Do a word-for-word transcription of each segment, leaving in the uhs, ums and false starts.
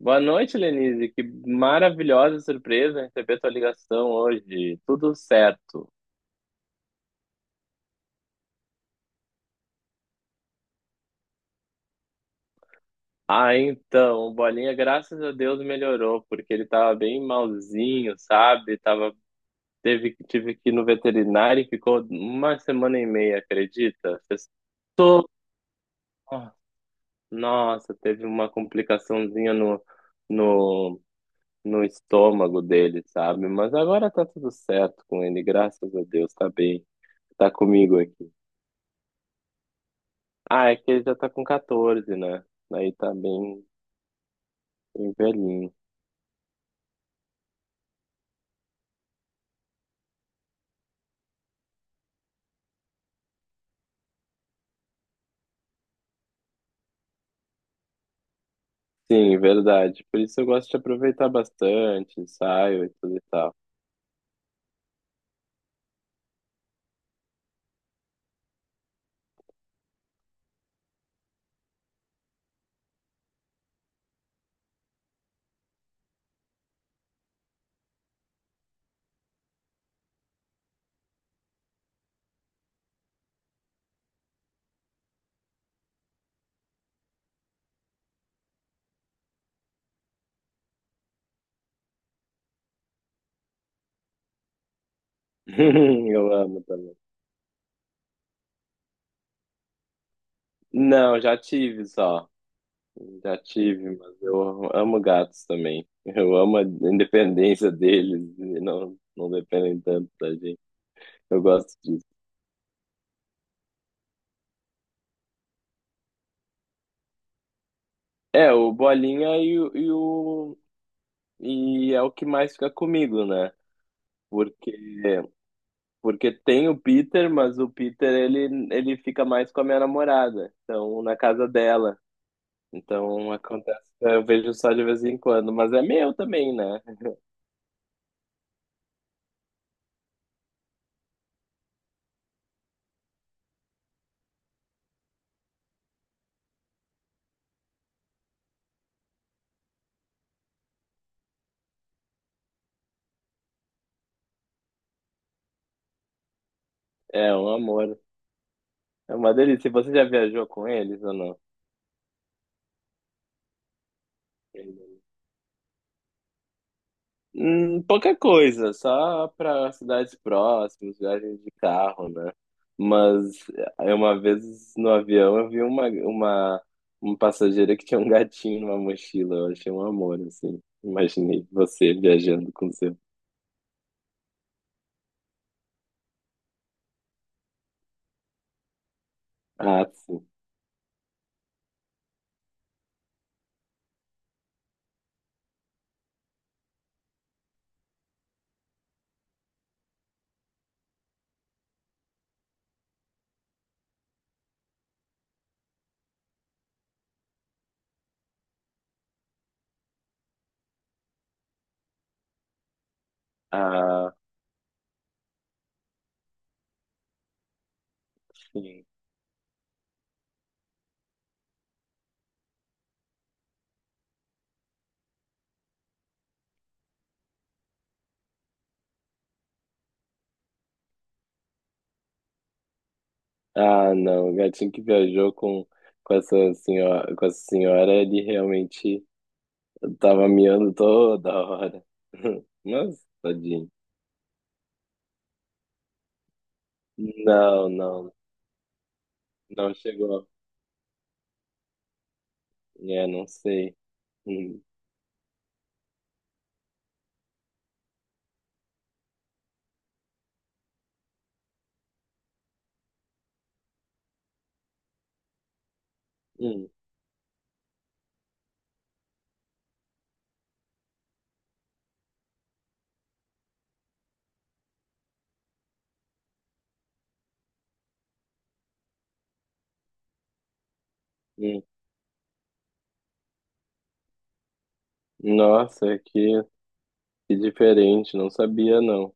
Boa noite, Lenise. Que maravilhosa surpresa receber tua ligação hoje. Tudo certo. Ah, então, o Bolinha, graças a Deus, melhorou, porque ele tava bem malzinho, sabe? Tava, teve, tive que ir no veterinário e ficou uma semana e meia, acredita? Fez to- Nossa, teve uma complicaçãozinha no, no, no estômago dele, sabe? Mas agora tá tudo certo com ele, graças a Deus, tá bem. Tá comigo aqui. Ah, é que ele já tá com catorze, né? Aí tá bem, bem velhinho. Sim, verdade. Por isso eu gosto de aproveitar bastante, saio e tudo e tal. Eu amo também. Não, já tive só. Já tive, mas eu amo gatos também. Eu amo a independência deles e não, não dependem tanto da gente. Eu gosto disso. É, o Bolinha e, o, e o- e é o que mais fica comigo, né? Porque Porque tem o Peter, mas o Peter ele, ele fica mais com a minha namorada, então na casa dela. Então acontece, eu vejo só de vez em quando, mas é meu também, né? É um amor, é uma delícia. Você já viajou com eles ou não? Hum, pouca coisa, só para cidades próximas, viagens de carro, né? Mas eh, uma vez no avião eu vi uma, uma, uma passageira que tinha um gatinho numa mochila, eu achei um amor, assim. Imaginei você viajando com seu. Ah, sim. Ah, sim. Ah, não, o gatinho que viajou com, com essa senhora, com essa senhora, ele realmente tava miando toda hora. Mas, tadinho. Não, não, não chegou. É, não sei. Hum, hum, hum. Nossa, que, que diferente, não sabia não.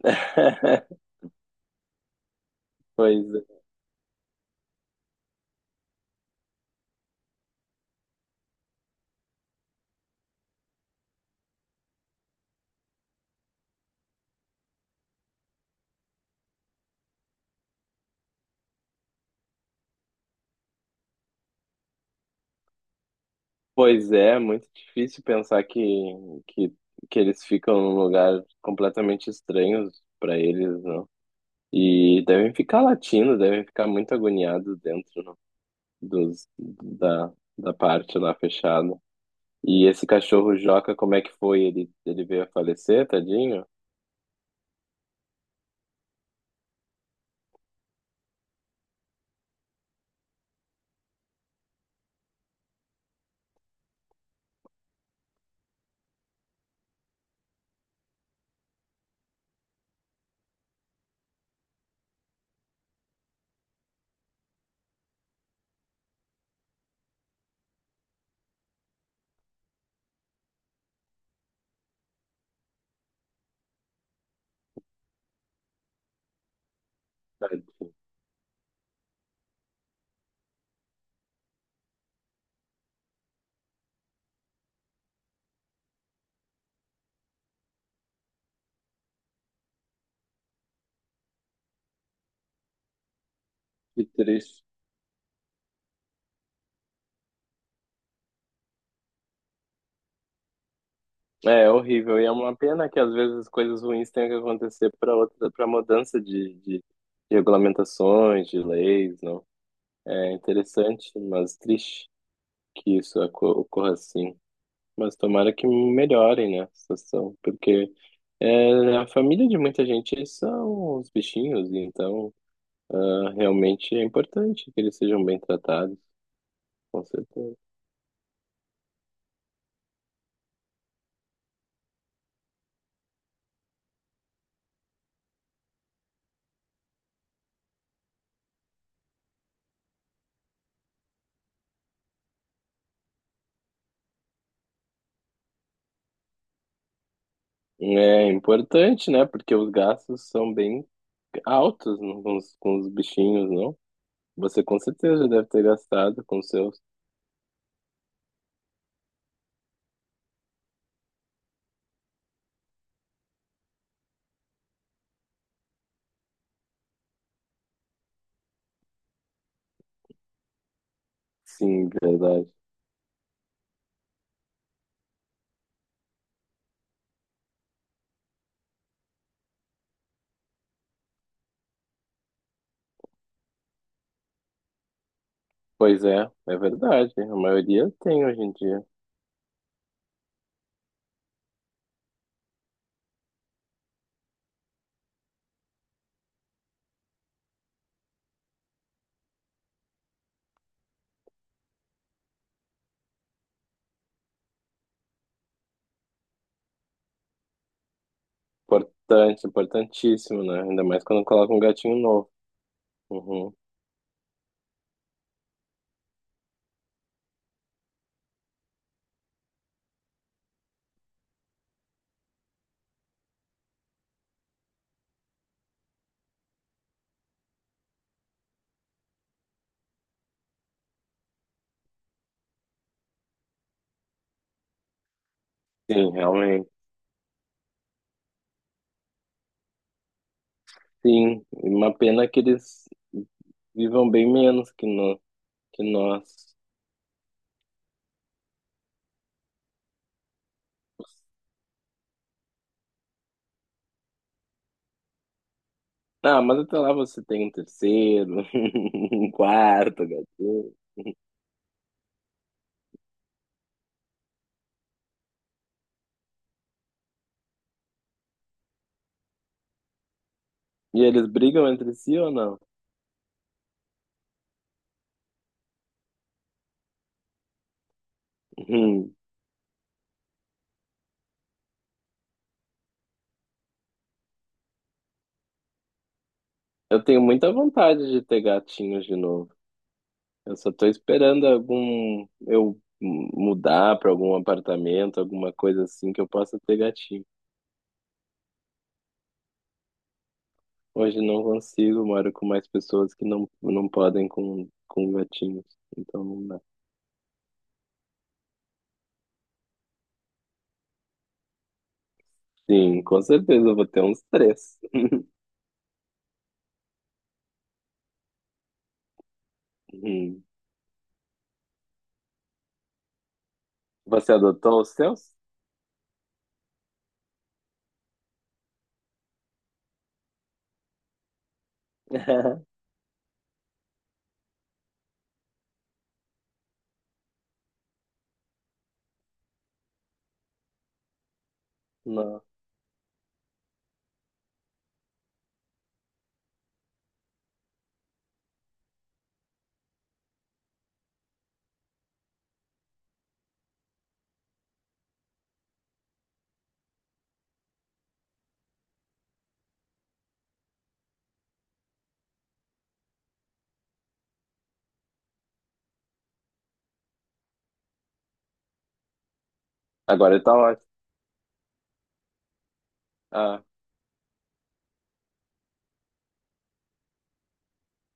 Pois, pois é, muito difícil pensar que, que, que eles ficam num lugar completamente estranho para eles, não? E devem ficar latindo, devem ficar muito agoniados dentro não? dos, da, da parte lá fechada. E esse cachorro Joca, como é que foi? Ele, ele veio a falecer, tadinho? Tadinho. Que triste. É, é horrível. E é uma pena que às vezes coisas ruins tenham que acontecer para outra, para mudança de, de, de regulamentações, de leis, não. É interessante, mas triste que isso oco- ocorra assim. Mas tomara que melhorem, né, a situação, porque é, a família de muita gente são os bichinhos, e então ah, realmente é importante que eles sejam bem tratados, com certeza. É importante, né, porque os gastos são bem altos no- com os, com os bichinhos, não? Você com certeza deve ter gastado com seus. Sim, verdade. Pois é, é verdade. A maioria tem hoje em dia. Importante, importantíssimo, né? Ainda mais quando coloca um gatinho novo. Uhum. Sim, realmente. Sim, e uma pena que eles vivam bem menos que, no, que nós. Ah, mas até lá você tem um terceiro, um quarto gatinho. E eles brigam entre si ou não? Uhum. Eu tenho muita vontade de ter gatinhos de novo. Eu só tô esperando algum eu m- mudar para algum apartamento, alguma coisa assim que eu possa ter gatinho. Hoje não consigo, moro com mais pessoas que não, não podem com, com gatinhos. Então não dá. Sim, com certeza eu vou ter uns três. Hum. Você adotou os seus? Não. Agora tá ótimo. Ah,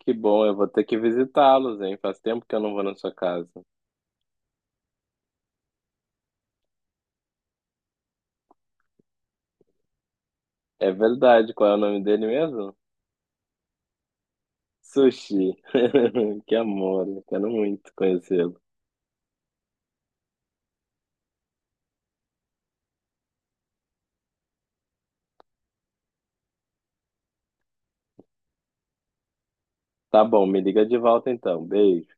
que bom, eu vou ter que visitá-los, hein? Faz tempo que eu não vou na sua casa. É verdade, qual é o nome dele mesmo? Sushi. Que amor, eu quero muito conhecê-lo. Tá bom, me liga de volta então. Beijo.